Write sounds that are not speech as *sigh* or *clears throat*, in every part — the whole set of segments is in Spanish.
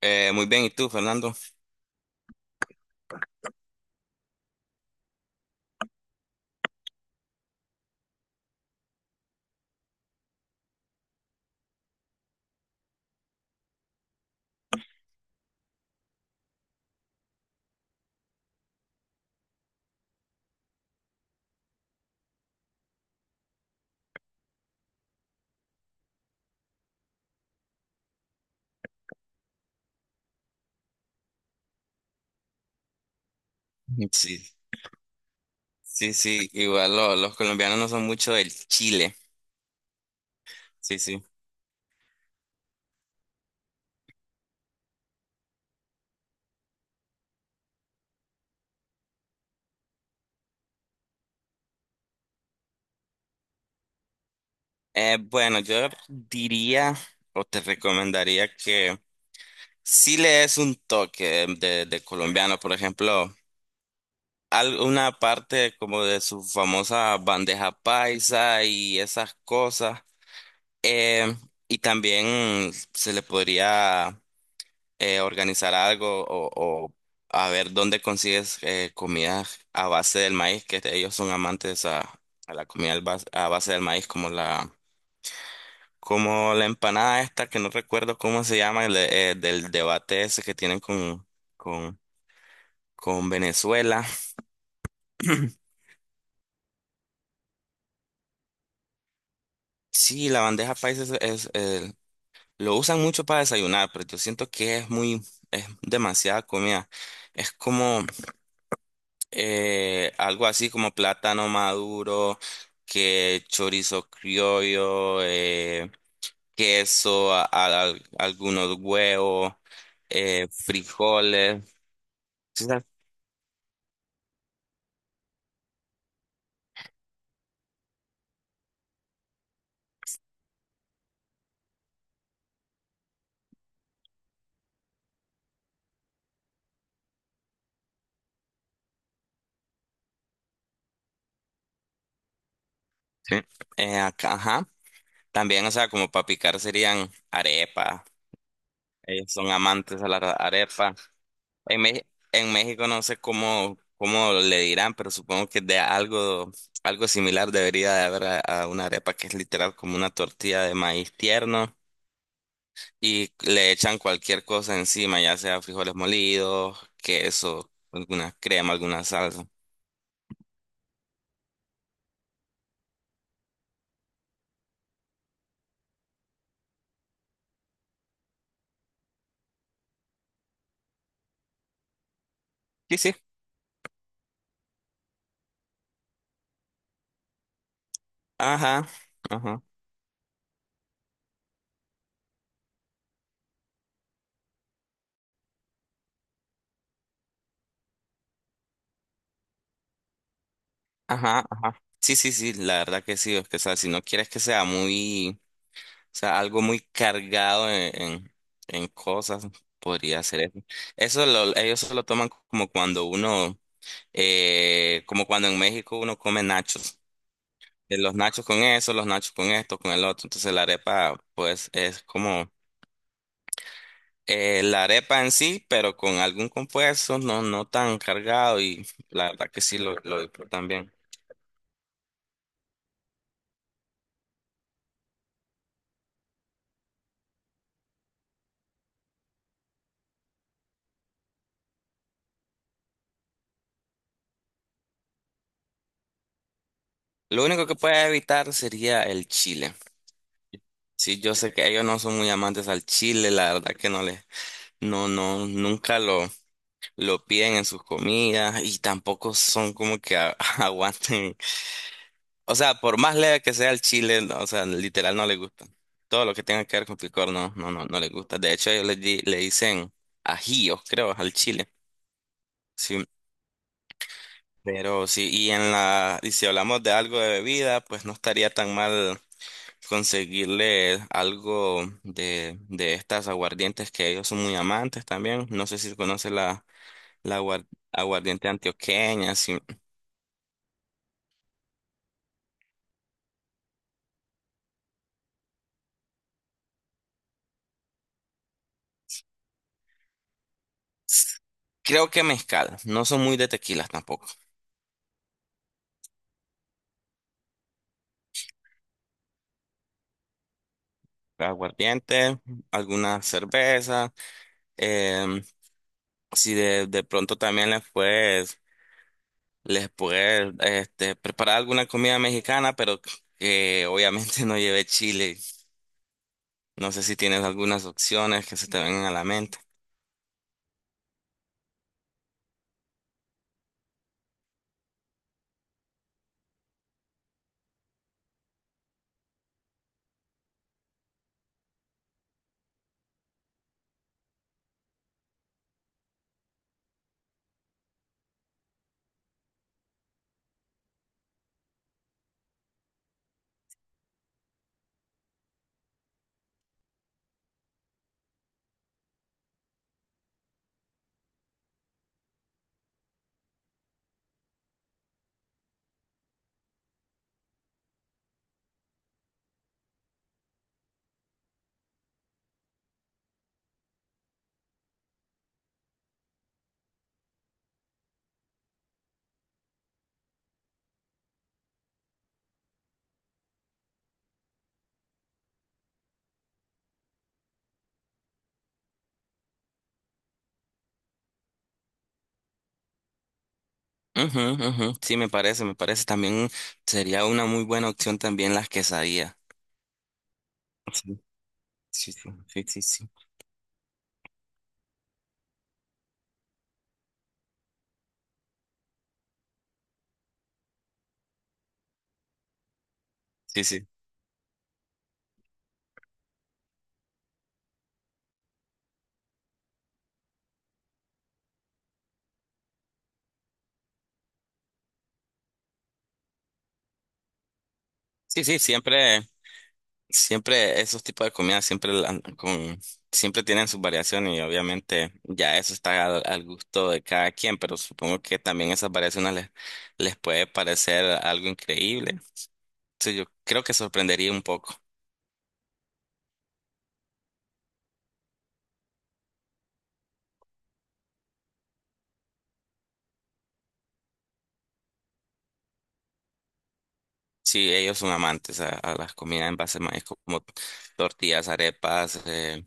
Muy bien, ¿y tú, Fernando? Sí, sí, sí, igual los colombianos no son mucho del Chile. Sí, sí. Bueno, yo diría o te recomendaría que sí le des un toque de colombiano, por ejemplo, alguna parte como de su famosa bandeja paisa y esas cosas. Eh, y también se le podría organizar algo o a ver dónde consigues comida a base del maíz, que ellos son amantes a la comida a base del maíz, como la empanada esta, que no recuerdo cómo se llama, del debate ese que tienen con, con Venezuela. *clears throat* Sí, la bandeja paisa es lo usan mucho para desayunar, pero yo siento que es muy, es demasiada comida. Es como algo así como plátano maduro, que chorizo criollo, queso, algunos huevos, frijoles. Sí. ¿Sabes? Sí. Acá, ajá. También, o sea, como para picar serían arepa. Ellos son amantes a la arepa. En, Mex- en México no sé cómo le dirán, pero supongo que algo similar debería de haber a una arepa que es literal como una tortilla de maíz tierno. Y le echan cualquier cosa encima, ya sea frijoles molidos, queso, alguna crema, alguna salsa. Sí, sí. Ajá, ajá, ajá, ajá. Sí, sí, sí, la verdad que sí. Es que, o sea, si no quieres que sea muy, o sea, algo muy cargado en cosas, podría ser eso. Ellos se lo toman como cuando uno, como cuando en México uno come nachos. Los nachos con eso, los nachos con esto, con el otro. Entonces la arepa, pues, es como la arepa en sí, pero con algún compuesto, no, no tan cargado, y la verdad que sí lo disfrutan bien. Lo único que puede evitar sería el chile. Sí, yo sé que ellos no son muy amantes al chile, la verdad que no no, no, nunca lo piden en sus comidas y tampoco son como que *laughs* aguanten. O sea, por más leve que sea el chile, no, o sea, literal no les gusta. Todo lo que tenga que ver con picor, no, no, no, no les gusta. De hecho, ellos le dicen ajíos, creo, al chile. Sí, pero sí, y si hablamos de algo de bebida, pues no estaría tan mal conseguirle algo de estas aguardientes que ellos son muy amantes también. No sé si conoce la aguardiente antioqueña, sí. Creo que mezcal, no son muy de tequilas tampoco. Aguardiente, alguna cerveza, em, si de pronto también les puedes Les pude este, preparar alguna comida mexicana, pero que obviamente *laughs* no lleve chile. No sé si tienes algunas opciones que se te vengan a la mente. Ujú, ujú. Sí, me parece, me parece. También sería una muy buena opción también las quesadillas. Sí, sí, sí, sí, sí. Sí, sí, sí, sí, sí, siempre. Siempre esos tipos de comidas siempre la- con siempre tienen sus variaciones y obviamente ya eso está al gusto de cada quien, pero supongo que también esas variaciones les puede parecer algo increíble. Sí, yo creo que sorprendería un poco si ellos son amantes a las comidas en base a maíz como tortillas, arepas,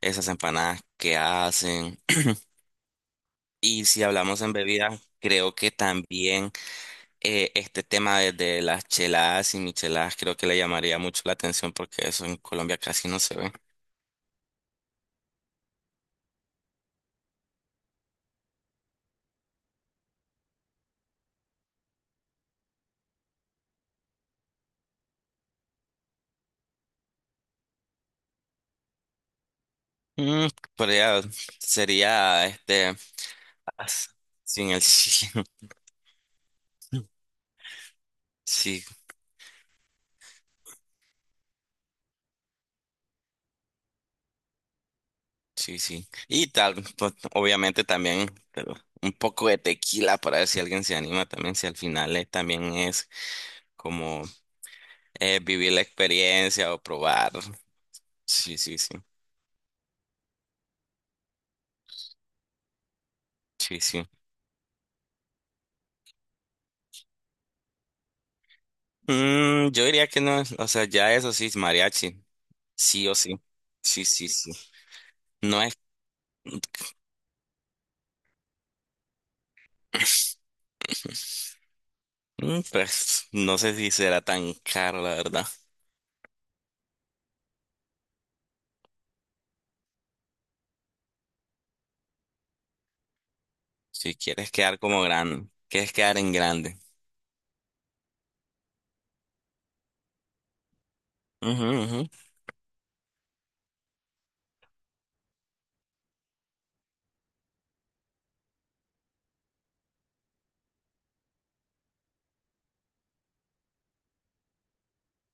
esas empanadas que hacen. *clears throat* Y si hablamos en bebidas, creo que también este tema de las cheladas y micheladas creo que le llamaría mucho la atención porque eso en Colombia casi no se ve. Mm, podría- sería este as- sin el chile. *laughs* Sí, sí, sí. Y tal, pues, obviamente también pero un poco de tequila para ver si alguien se anima también, si al final también es como vivir la experiencia o probar. Sí, sí, sí, sí, sí. Mm, yo diría que no, o sea, ya eso sí es mariachi. Sí o sí. Sí, sí, sí. No es, *laughs* mm, pues, no sé si será tan caro, la verdad. Si quieres quedar como grande, quieres quedar en grande. Ujú,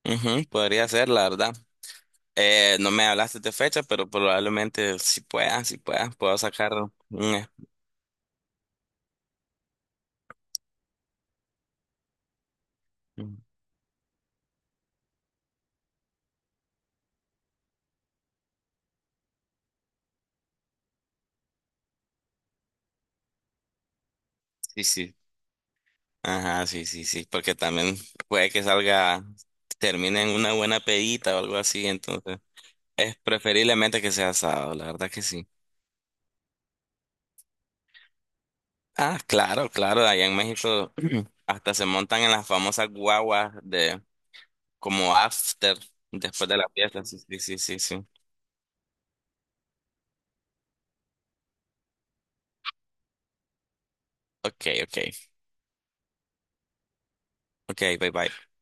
ujú, ujú, podría ser, la verdad. No me hablaste de fecha, pero probablemente si puedas, puedo sacar un... es- mm, sí, sí. Ajá, sí, sí, sí, porque también puede que salga, termine en una buena pedita o algo así, entonces es preferiblemente que sea sábado, la verdad que sí. Ah, claro, claro, allá en México *clears throat* hasta se montan en las famosas guaguas de como after, después de la fiesta. Sí, sí, sí, sí. Sí. Ok, ok. Ok, bye bye.